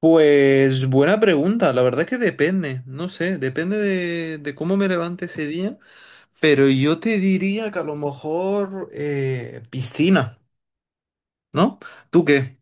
Pues buena pregunta, la verdad que depende, no sé, depende de cómo me levante ese día, pero yo te diría que a lo mejor piscina, ¿no? ¿Tú qué?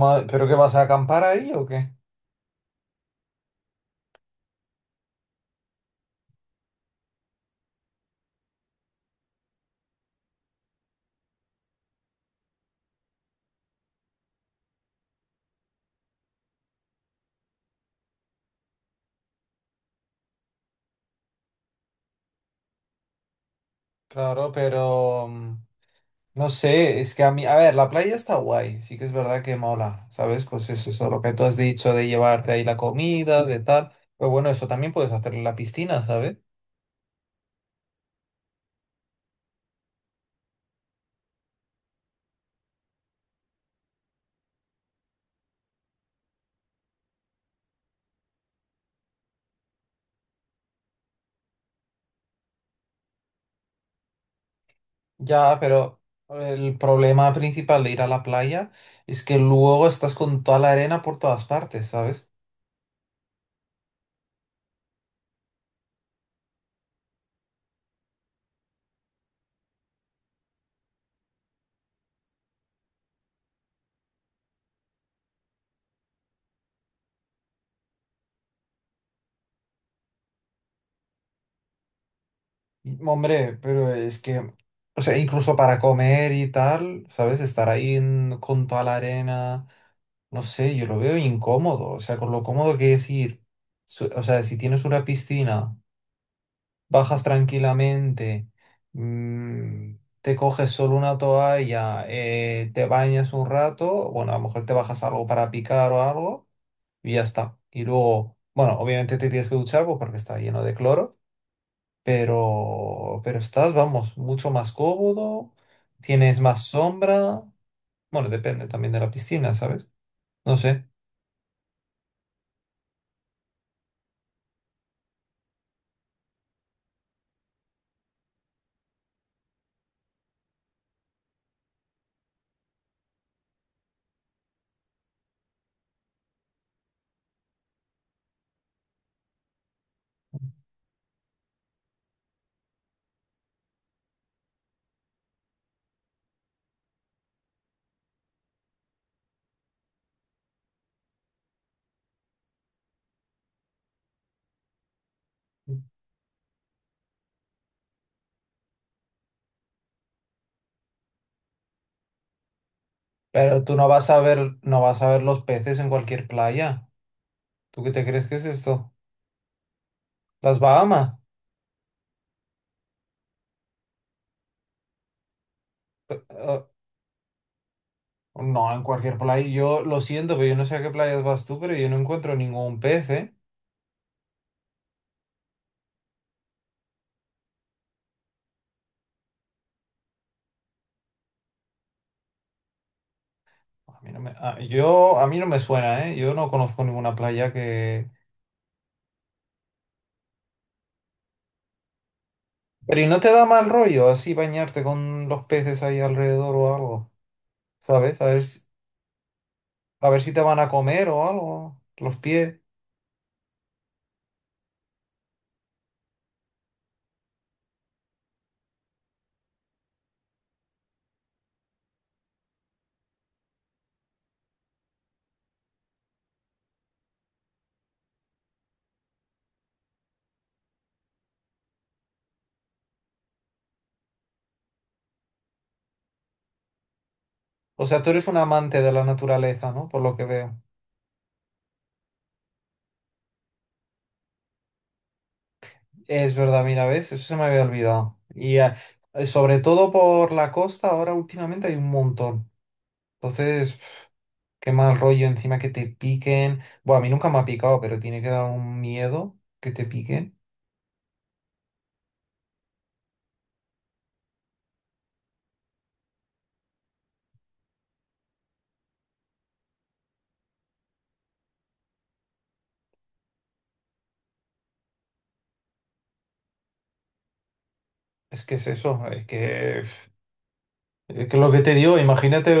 ¿Pero qué vas a acampar ahí o qué? Claro, pero, no sé, es que a mí, a ver, la playa está guay, sí que es verdad que mola, ¿sabes? Pues eso, lo que tú has dicho de llevarte ahí la comida, de tal, pero bueno, eso también puedes hacer en la piscina, ¿sabes? Ya, pero el problema principal de ir a la playa es que luego estás con toda la arena por todas partes, ¿sabes? Y, hombre, pero es que, o sea, incluso para comer y tal, ¿sabes? Estar ahí con toda la arena, no sé, yo lo veo incómodo, o sea, con lo cómodo que es ir, o sea, si tienes una piscina. Bajas tranquilamente, mm, te coges solo una toalla, te bañas un rato, bueno, a lo mejor te bajas algo para picar o algo y ya está. Y luego, bueno, obviamente te tienes que duchar pues, porque está lleno de cloro, pero estás, vamos, mucho más cómodo, tienes más sombra, bueno, depende también de la piscina, ¿sabes? No sé. Pero tú no vas a ver, no vas a ver los peces en cualquier playa. ¿Tú qué te crees que es esto? ¿Las Bahamas? No, en cualquier playa. Yo lo siento, pero yo no sé a qué playas vas tú, pero yo no encuentro ningún pez, ¿eh? A mí no me, a- yo, a mí no me suena, ¿eh? Yo no conozco ninguna playa que... ¿Pero y no te da mal rollo así bañarte con los peces ahí alrededor o algo? ¿Sabes? A ver, a ver si te van a comer o algo, los pies. O sea, tú eres un amante de la naturaleza, ¿no? Por lo que veo. Es verdad, mira, ¿ves? Eso se me había olvidado. Y sobre todo por la costa, ahora últimamente hay un montón. Entonces... Qué mal rollo encima que te piquen. Bueno, a mí nunca me ha picado, pero tiene que dar un miedo que te piquen. Es que es eso, es que, pf, es que lo que te digo, imagínate,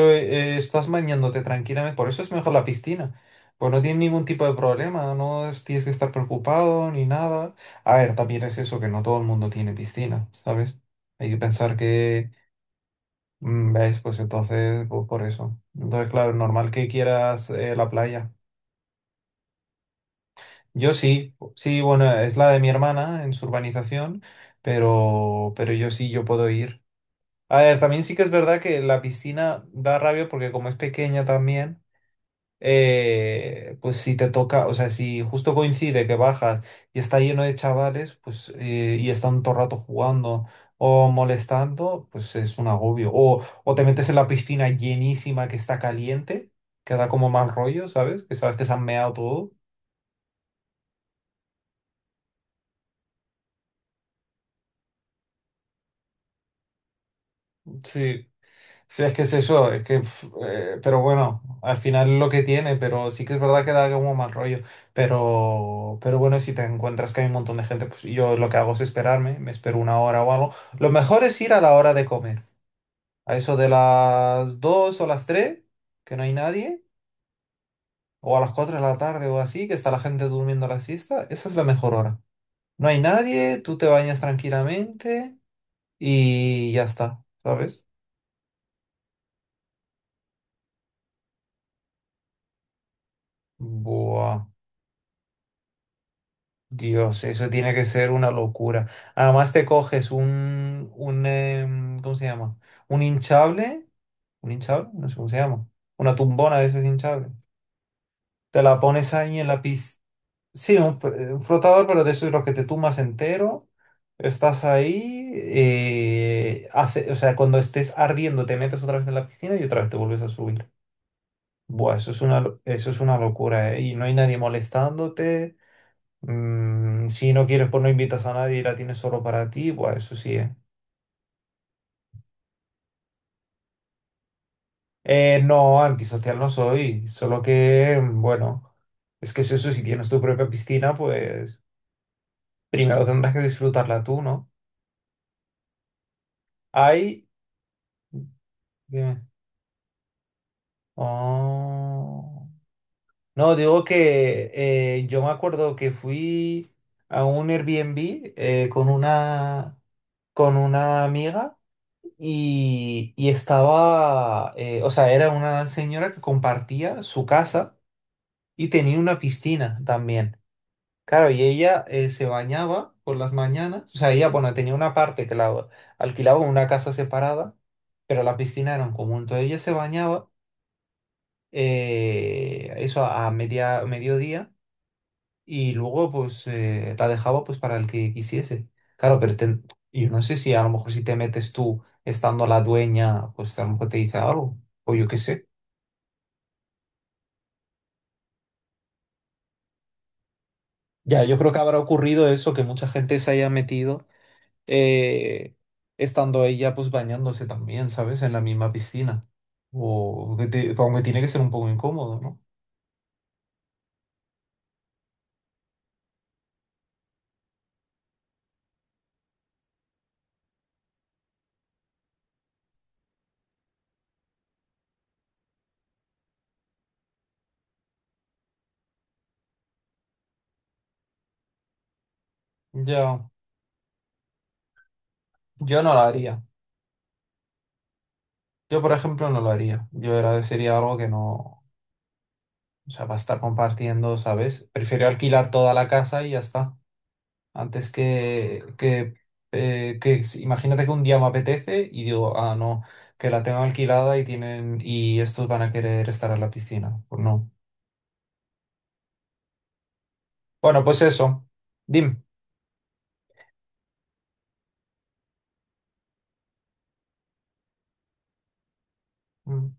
estás bañándote tranquilamente, por eso es mejor la piscina. Pues no tienes ningún tipo de problema, no es- tienes que estar preocupado ni nada. A ver, también es eso, que no todo el mundo tiene piscina, ¿sabes? Hay que pensar que, ¿ves? Pues entonces, pues por eso. Entonces, claro, normal que quieras la playa. Yo sí, sí, bueno, es la de mi hermana en su urbanización, pero yo sí, yo puedo ir. A ver, también sí que es verdad que la piscina da rabia porque como es pequeña también, pues si te toca, o sea, si justo coincide que bajas y está lleno de chavales, pues y están todo el rato jugando o molestando, pues es un agobio. O te metes en la piscina llenísima que está caliente, que da como mal rollo, ¿sabes? Que sabes que se han meado todo. Sí. Sí, es que es eso, es que, pf, pero bueno, al final lo que tiene, pero sí que es verdad que da como mal rollo, pero bueno, si te encuentras que hay un montón de gente, pues yo lo que hago es esperarme, me espero una hora o algo. Lo mejor es ir a la hora de comer, a eso de las 2 o las 3 que no hay nadie, o a las 4 de la tarde o así, que está la gente durmiendo la siesta, esa es la mejor hora. No hay nadie, tú te bañas tranquilamente y ya está, ¿sabes? Buah. Dios, eso tiene que ser una locura. Además te coges un, un, ¿cómo se llama? Un hinchable, un hinchable, no sé cómo se llama. Una tumbona de esos hinchables. Te la pones ahí en la piscina. Sí, un, un flotador, pero de esos los que te tumbas entero. Estás ahí, hace, o sea, cuando estés ardiendo te metes otra vez en la piscina y otra vez te vuelves a subir. Buah, eso es una, eso es una locura, ¿eh? Y no hay nadie molestándote. Si no quieres, pues no invitas a nadie y la tienes solo para ti, pues eso sí, ¿eh? No, antisocial no soy, solo que, bueno, es que es eso, si tienes tu propia piscina, pues primero tendrás que disfrutarla tú, ¿no? Hay... Dime. Oh. No, digo que yo me acuerdo que fui a un Airbnb eh, con una, con una amiga. Y, y estaba, o sea, era una señora que compartía su casa y tenía una piscina también. Claro, y ella se bañaba por las mañanas, o sea, ella, bueno, tenía una parte que la alquilaba en una casa separada, pero la piscina era un común. Entonces ella se bañaba, eso a media, mediodía y luego pues la dejaba pues para el que quisiese. Claro, yo no sé si a lo mejor si te metes tú estando la dueña, pues a lo mejor te dice algo, o yo qué sé. Ya, yo creo que habrá ocurrido eso, que mucha gente se haya metido eh, estando ella pues bañándose también, ¿sabes? En la misma piscina. O que aunque tiene que ser un poco incómodo, ¿no? Ya, yo no lo haría. Yo, por ejemplo, no lo haría. Yo era, sería algo que no. O sea, va a estar compartiendo, ¿sabes? Prefiero alquilar toda la casa y ya está. Antes que, imagínate que un día me apetece y digo, ah, no, que la tengo alquilada y tienen, y estos van a querer estar en la piscina. Pues no. Bueno, pues eso. Dime. Mm,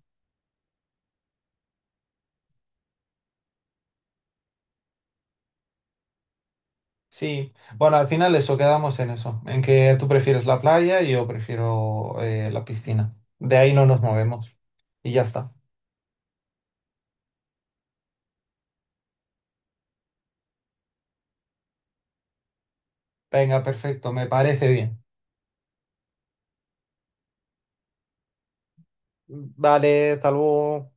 Sí. Bueno, al final eso, quedamos en eso. En que tú prefieres la playa y yo prefiero la piscina. De ahí no nos movemos. Y ya está. Venga, perfecto, me parece bien. Vale, hasta luego.